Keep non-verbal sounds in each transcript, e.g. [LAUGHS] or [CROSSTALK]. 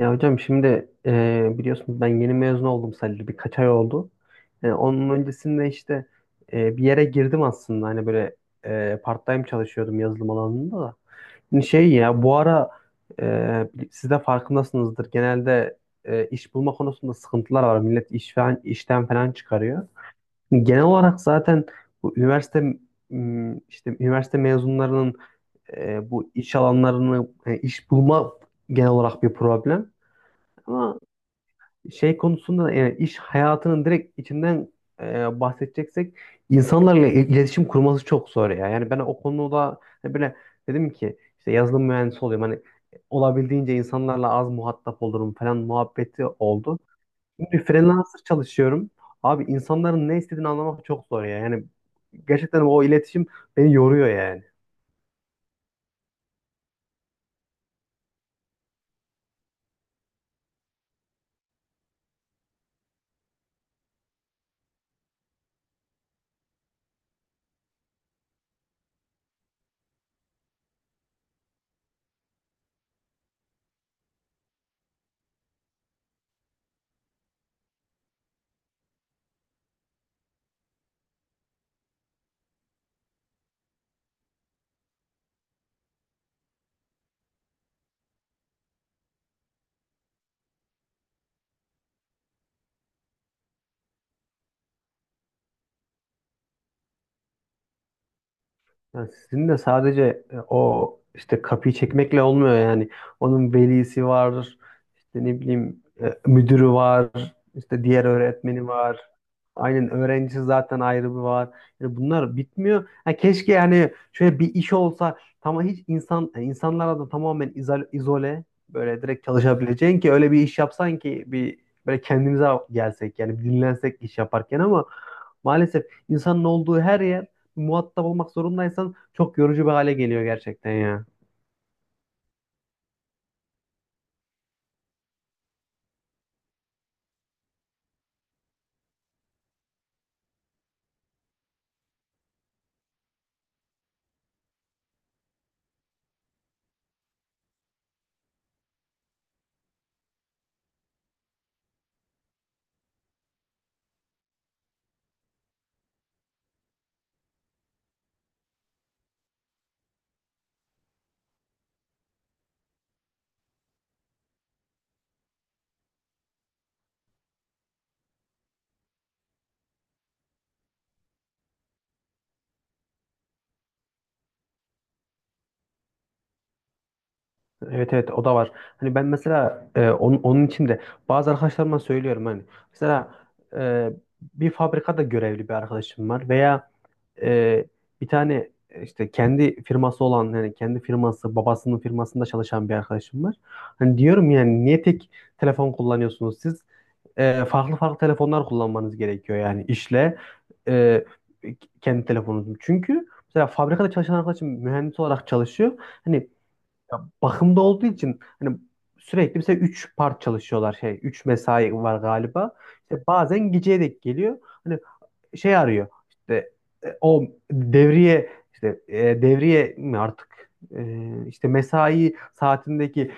Ya hocam şimdi biliyorsunuz ben yeni mezun oldum, sadece birkaç ay oldu. Onun öncesinde işte bir yere girdim aslında, hani böyle part-time çalışıyordum yazılım alanında da. Hani şey ya, bu ara siz de farkındasınızdır, genelde iş bulma konusunda sıkıntılar var. Millet iş falan, işten falan çıkarıyor. Hani genel olarak zaten bu üniversite işte üniversite mezunlarının bu iş alanlarını iş bulma genel olarak bir problem. Ama şey konusunda da, yani iş hayatının direkt içinden bahsedeceksek, insanlarla iletişim kurması çok zor ya. Yani ben o konuda hani böyle dedim ki işte yazılım mühendisi oluyorum. Hani olabildiğince insanlarla az muhatap olurum falan muhabbeti oldu. Şimdi freelancer çalışıyorum. Abi insanların ne istediğini anlamak çok zor ya. Yani gerçekten o iletişim beni yoruyor yani. Yani sizin de sadece o işte kapıyı çekmekle olmuyor yani. Onun velisi vardır. İşte ne bileyim, müdürü var, işte diğer öğretmeni var. Aynen, öğrencisi zaten ayrı bir var. Yani bunlar bitmiyor. Ha, keşke yani şöyle bir iş olsa, tamam hiç insan, yani insanlara da tamamen izole, böyle direkt çalışabileceğin, ki öyle bir iş yapsan ki bir böyle kendimize gelsek yani, bir dinlensek iş yaparken, ama maalesef insanın olduğu her yer, muhatap olmak zorundaysan çok yorucu bir hale geliyor gerçekten ya. Evet evet, o da var. Hani ben mesela onun için de bazı arkadaşlarıma söylüyorum hani. Mesela e, bir fabrikada görevli bir arkadaşım var, veya e, bir tane işte kendi firması olan, yani kendi firması babasının firmasında çalışan bir arkadaşım var. Hani diyorum yani, niye tek telefon kullanıyorsunuz siz? Farklı farklı telefonlar kullanmanız gerekiyor yani, işle e, kendi telefonunuzu. Çünkü mesela fabrikada çalışan arkadaşım mühendis olarak çalışıyor. Hani bakımda olduğu için hani sürekli, mesela 3 part çalışıyorlar, şey 3 mesai var galiba. İşte bazen geceye denk geliyor. Hani şey arıyor. İşte o devriye, işte devriye mi artık. E, işte mesai saatindeki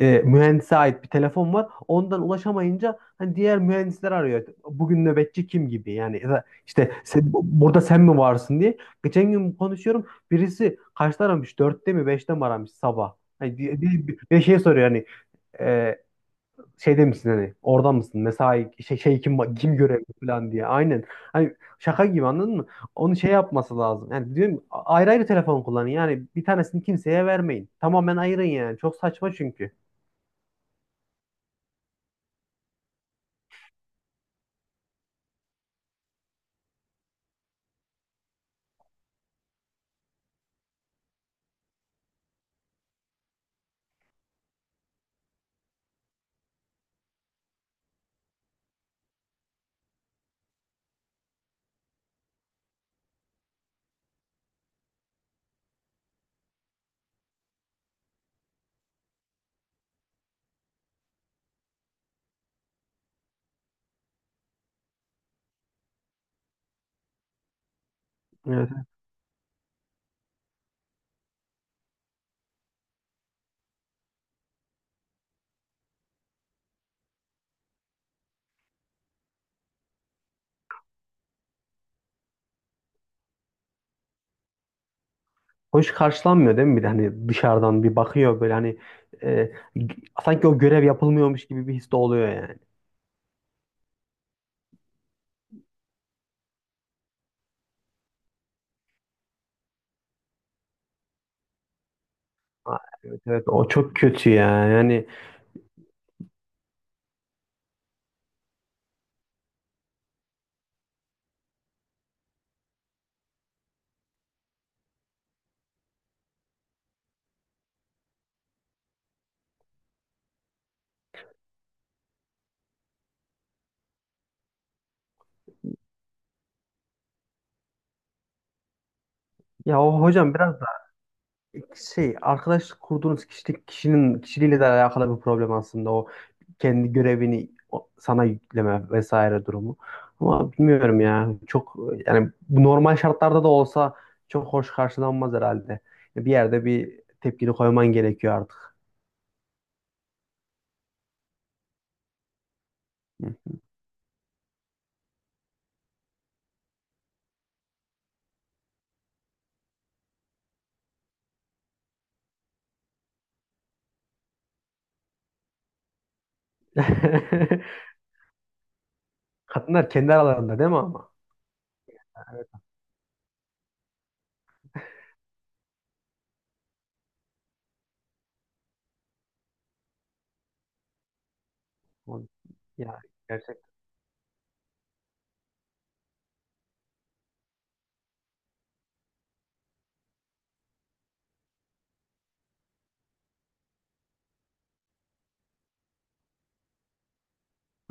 mühendise ait bir telefon var. Ondan ulaşamayınca hani diğer mühendisler arıyor. Bugün nöbetçi kim gibi yani, ya da işte burada sen mi varsın diye. Geçen gün konuşuyorum. Birisi kaçta aramış? Dörtte mi beşte mi aramış sabah? Hani bir şey soruyor hani, e, şeyde misin, hani oradan mısın, mesai şey, kim kim görevli falan diye. Aynen, hani şaka gibi, anladın mı? Onu şey yapması lazım yani, diyorum ayrı ayrı telefon kullanın yani, bir tanesini kimseye vermeyin, tamamen ayırın yani. Çok saçma çünkü. Evet. Hoş karşılanmıyor değil mi, bir de hani dışarıdan bir bakıyor böyle, hani e, g- sanki o görev yapılmıyormuş gibi bir his de oluyor yani. Aa, evet evet, o çok kötü ya yani. Ya o hocam biraz şey, arkadaş kurduğunuz kişinin kişiliğiyle de alakalı bir problem aslında, kendi görevini sana yükleme vesaire durumu. Ama bilmiyorum ya, çok yani bu normal şartlarda da olsa çok hoş karşılanmaz herhalde. Bir yerde bir tepkini koyman gerekiyor artık. Hı. [LAUGHS] Kadınlar kendi aralarında değil mi ama? Evet. o- Ya gerçekten.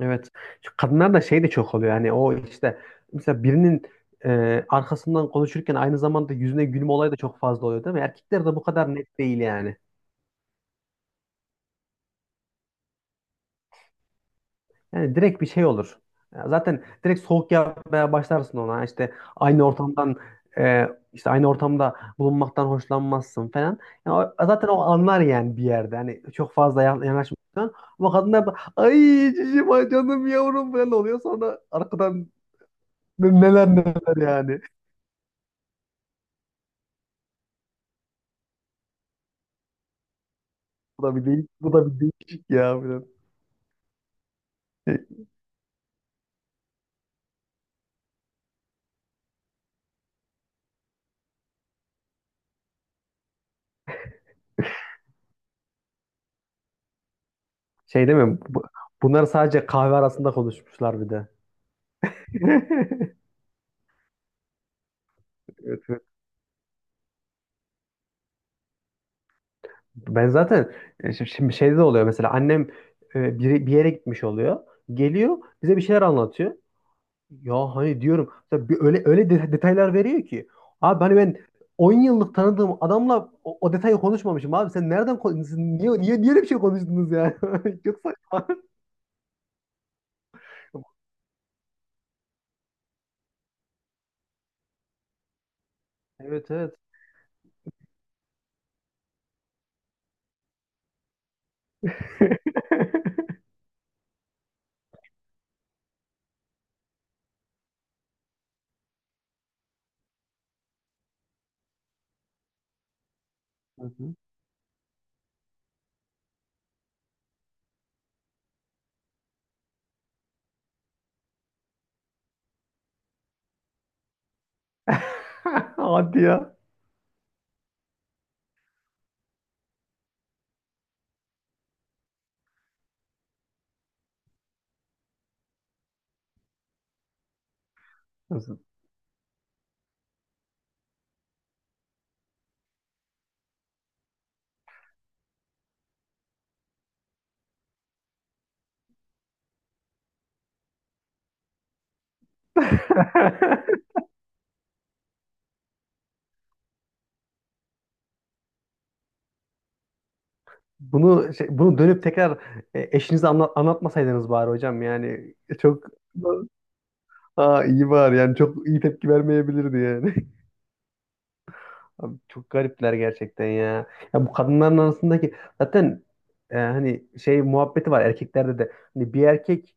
Evet. Şu kadınlar da şey de çok oluyor. Yani o işte mesela birinin arkasından konuşurken aynı zamanda yüzüne gülme olayı da çok fazla oluyor değil mi? Erkekler de bu kadar net değil yani. Yani direkt bir şey olur. Ya zaten direkt soğuk yapmaya başlarsın ona. İşte aynı ortamdan aynı ortamda bulunmaktan hoşlanmazsın falan. Yani zaten o anlar yani bir yerde. Hani çok fazla yanaşmıyorsun. Ama kadınlar da ay cicim, ay canım, yavrum falan oluyor. Sonra arkadan neler neler yani. Bu da bir değişik, ya, biraz. Şey şey değil mi? Bunlar sadece kahve arasında konuşmuşlar bir de. [LAUGHS] Evet, evet. Ben zaten şimdi şeyde de oluyor, mesela annem bir yere gitmiş oluyor. Geliyor bize bir şeyler anlatıyor. Ya hani diyorum, mesela bir öyle öyle detaylar veriyor ki. Abi hani ben 10 yıllık tanıdığım adamla o detayı konuşmamışım abi. Sen nereden siz niye niye öyle bir şey konuştunuz yani? [LAUGHS] Çok saçma. [LAUGHS] Evet evet. [LAUGHS] Hı hı. [LAUGHS] Hadi ya. Nasıl? [LAUGHS] Bunu şey, bunu dönüp tekrar eşinize anlatmasaydınız bari hocam yani, çok. [LAUGHS] Aa, iyi var yani, çok iyi tepki vermeyebilirdi yani. [LAUGHS] Abi çok garipler gerçekten ya. Ya bu kadınların arasındaki zaten hani şey muhabbeti var, erkeklerde de. Hani bir erkek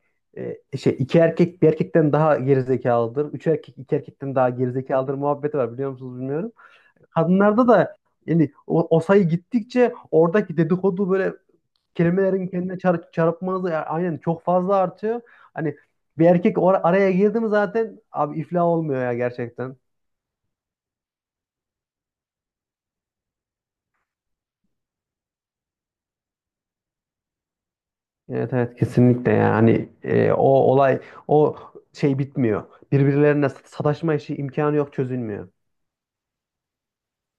iki erkek bir erkekten daha gerizekalıdır. Üç erkek iki erkekten daha gerizekalıdır muhabbeti var, biliyor musunuz bilmiyorum. Kadınlarda da yani o sayı gittikçe, oradaki dedikodu böyle kelimelerin kendine çarpması aynen çok fazla artıyor. Hani bir erkek araya girdi mi zaten abi iflah olmuyor ya gerçekten. Evet evet, kesinlikle yani. Hani, o olay, o şey bitmiyor. Birbirlerine sataşma işi, imkanı yok çözülmüyor.